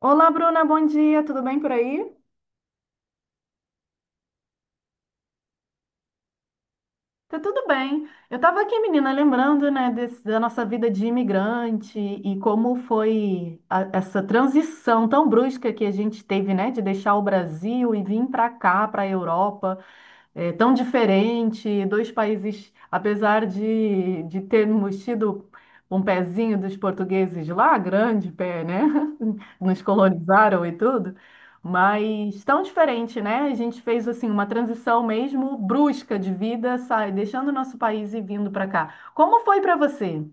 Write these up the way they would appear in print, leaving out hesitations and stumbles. Olá, Bruna, bom dia, tudo bem por aí? Tá tudo bem. Eu estava aqui, menina, lembrando, né, da nossa vida de imigrante e como foi essa transição tão brusca que a gente teve, né, de deixar o Brasil e vir para cá, para a Europa. É, tão diferente, dois países, apesar de termos tido um pezinho dos portugueses lá, grande pé, né? Nos colonizaram e tudo, mas tão diferente, né? A gente fez assim uma transição mesmo brusca de vida, sai, deixando o nosso país e vindo para cá. Como foi para você?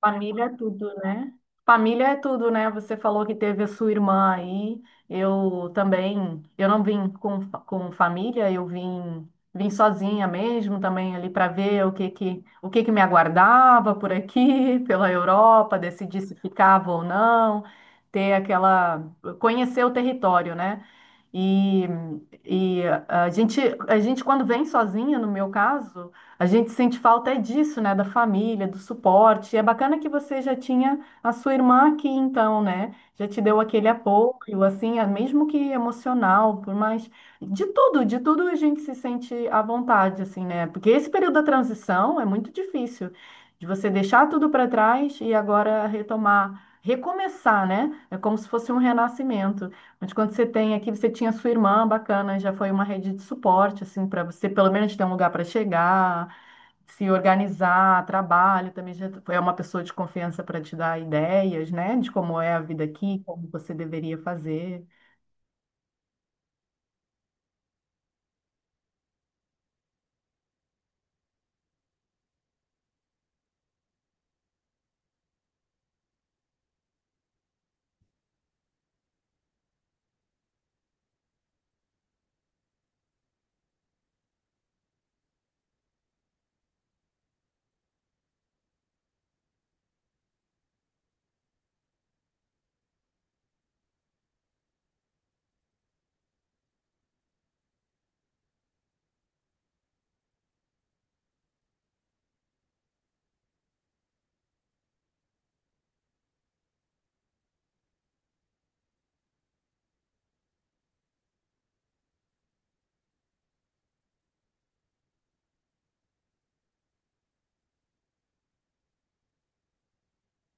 Família é tudo, né? Família é tudo, né? Você falou que teve a sua irmã aí. Eu também, eu não vim com família, eu vim sozinha mesmo também ali para ver o que que me aguardava por aqui, pela Europa, decidir se ficava ou não, ter aquela conhecer o território, né? E, e a gente, quando vem sozinha, no meu caso, a gente sente falta é disso, né? Da família, do suporte. E é bacana que você já tinha a sua irmã aqui, então, né? Já te deu aquele apoio, assim, é mesmo que emocional, por mais. De tudo a gente se sente à vontade, assim, né? Porque esse período da transição é muito difícil, de você deixar tudo para trás e agora retomar, recomeçar, né? É como se fosse um renascimento. Mas quando você tem aqui, você tinha sua irmã, bacana, já foi uma rede de suporte, assim, para você pelo menos ter um lugar para chegar, se organizar, trabalho, também já é uma pessoa de confiança para te dar ideias, né, de como é a vida aqui, como você deveria fazer.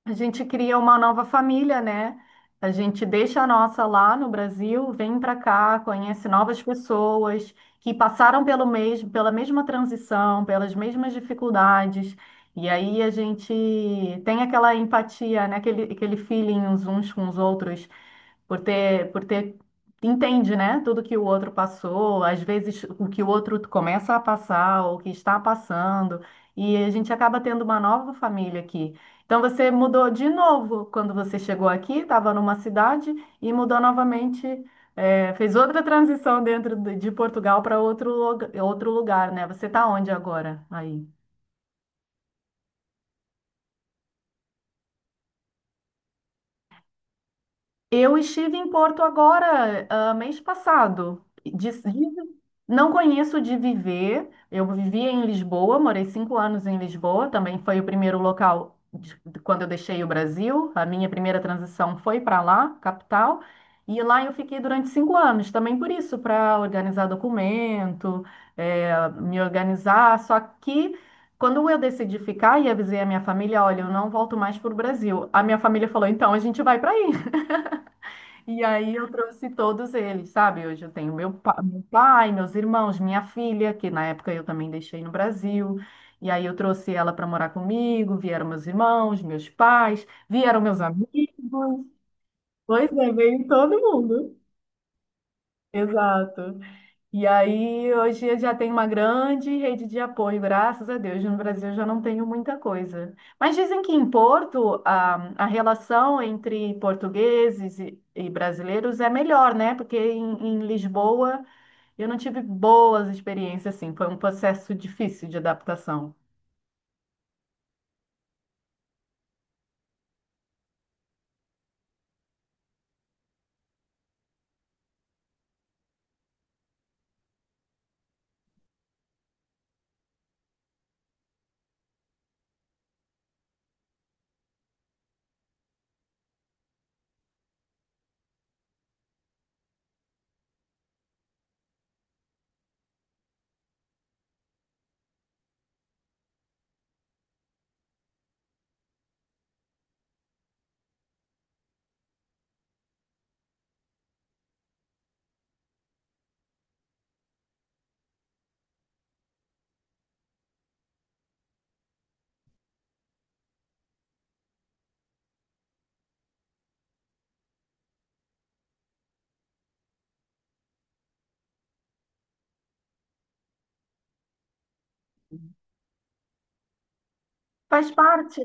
A gente cria uma nova família, né? A gente deixa a nossa lá no Brasil, vem para cá, conhece novas pessoas que passaram pelo mesmo, pela mesma transição, pelas mesmas dificuldades. E aí a gente tem aquela empatia, né? Aquele feeling uns com os outros por ter, por ter, entende, né? Tudo que o outro passou, às vezes o que o outro começa a passar, o que está passando, e a gente acaba tendo uma nova família aqui. Então você mudou de novo quando você chegou aqui, estava numa cidade e mudou novamente, fez outra transição dentro de Portugal para outro lugar, né? Você está onde agora aí? Eu estive em Porto agora, mês passado. Não conheço de viver. Eu vivia em Lisboa, morei 5 anos em Lisboa. Também foi o primeiro local de quando eu deixei o Brasil. A minha primeira transição foi para lá, capital. E lá eu fiquei durante 5 anos, também por isso, para organizar documento, me organizar. Só que quando eu decidi ficar e avisei a minha família, olha, eu não volto mais para o Brasil. A minha família falou, então a gente vai para e aí eu trouxe todos eles, sabe? Hoje eu tenho meu pai, meus irmãos, minha filha, que na época eu também deixei no Brasil. E aí eu trouxe ela para morar comigo, vieram meus irmãos, meus pais, vieram meus amigos. Pois é, veio todo mundo. Exato. E aí, hoje eu já tenho uma grande rede de apoio, graças a Deus. No Brasil eu já não tenho muita coisa. Mas dizem que em Porto a relação entre portugueses e brasileiros é melhor, né? Porque em Lisboa eu não tive boas experiências, assim. Foi um processo difícil de adaptação. Faz parte.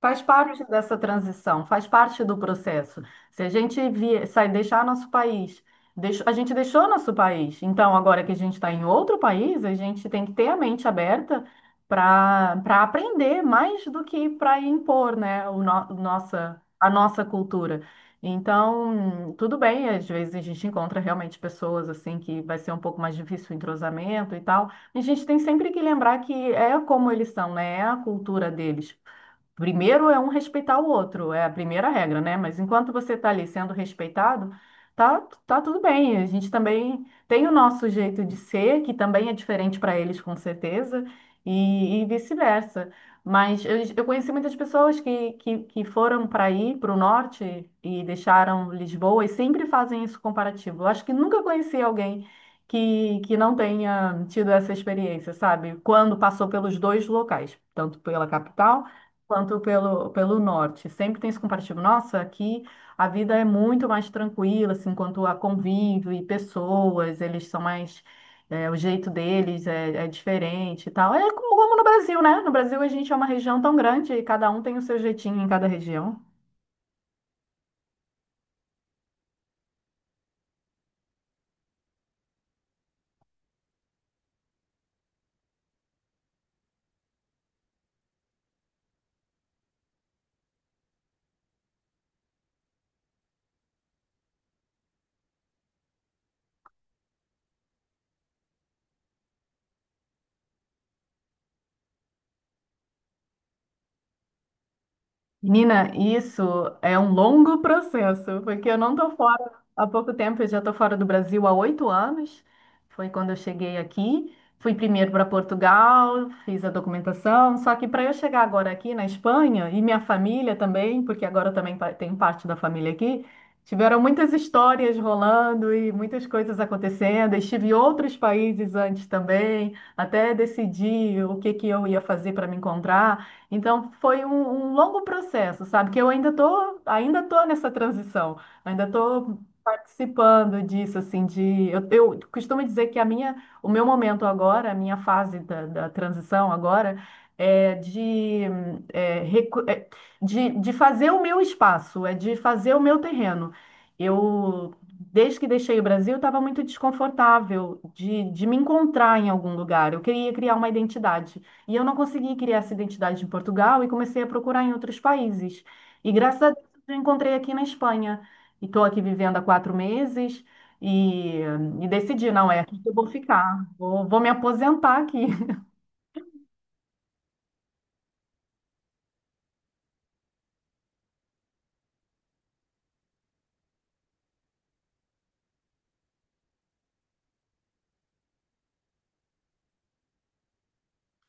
Faz parte dessa transição, faz parte do processo. Se a gente vier, sai deixar nosso país, a gente deixou nosso país. Então, agora que a gente está em outro país, a gente tem que ter a mente aberta para aprender mais do que para impor, né, o no- nossa, a nossa cultura. Então, tudo bem, às vezes a gente encontra realmente pessoas assim que vai ser um pouco mais difícil o entrosamento e tal. A gente tem sempre que lembrar que é como eles são, né? É a cultura deles. Primeiro é um respeitar o outro, é a primeira regra, né? Mas enquanto você está ali sendo respeitado, tá, tá tudo bem. A gente também tem o nosso jeito de ser, que também é diferente para eles, com certeza, e vice-versa. Mas eu conheci muitas pessoas que foram para aí, para o norte, e deixaram Lisboa, e sempre fazem esse comparativo. Eu acho que nunca conheci alguém que não tenha tido essa experiência, sabe? Quando passou pelos dois locais, tanto pela capital quanto pelo norte. Sempre tem esse comparativo. Nossa, aqui a vida é muito mais tranquila, assim, quanto a convívio e pessoas, eles são mais. O jeito deles é diferente e tal. É como no Brasil, né? No Brasil a gente é uma região tão grande e cada um tem o seu jeitinho em cada região. Menina, isso é um longo processo, porque eu não tô fora há pouco tempo, eu já tô fora do Brasil há 8 anos. Foi quando eu cheguei aqui. Fui primeiro para Portugal, fiz a documentação. Só que para eu chegar agora aqui na Espanha, e minha família também, porque agora eu também tenho parte da família aqui, tiveram muitas histórias rolando e muitas coisas acontecendo. Estive em outros países antes também, até decidir o que que eu ia fazer para me encontrar. Então foi um longo processo, sabe? Que eu ainda tô nessa transição, ainda tô participando disso, assim, de eu costumo dizer que a minha, o meu momento agora, a minha fase da transição agora é é, recu- é de fazer o meu espaço, é de fazer o meu terreno. Eu Desde que deixei o Brasil, estava muito desconfortável de me encontrar em algum lugar. Eu queria criar uma identidade. E eu não consegui criar essa identidade em Portugal e comecei a procurar em outros países. E graças a Deus eu encontrei aqui na Espanha. E estou aqui vivendo há 4 meses e, e decidi, não é aqui que eu vou ficar. Vou me aposentar aqui.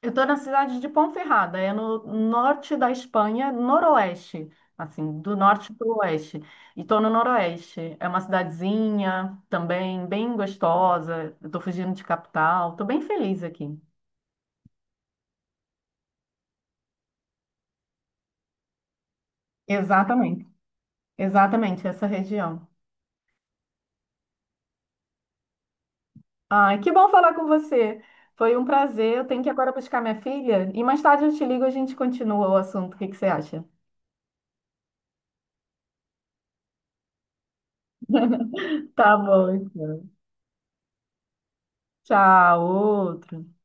Eu estou na cidade de Ponferrada, é no norte da Espanha, noroeste. Assim, do norte para o oeste. E estou no noroeste. É uma cidadezinha também bem gostosa. Estou fugindo de capital. Estou bem feliz aqui. Exatamente. Exatamente, essa região. Ai, que bom falar com você. Foi um prazer. Eu tenho que agora buscar minha filha e mais tarde eu te ligo e a gente continua o assunto. O que que você acha? Tá bom, então. Tchau, outro.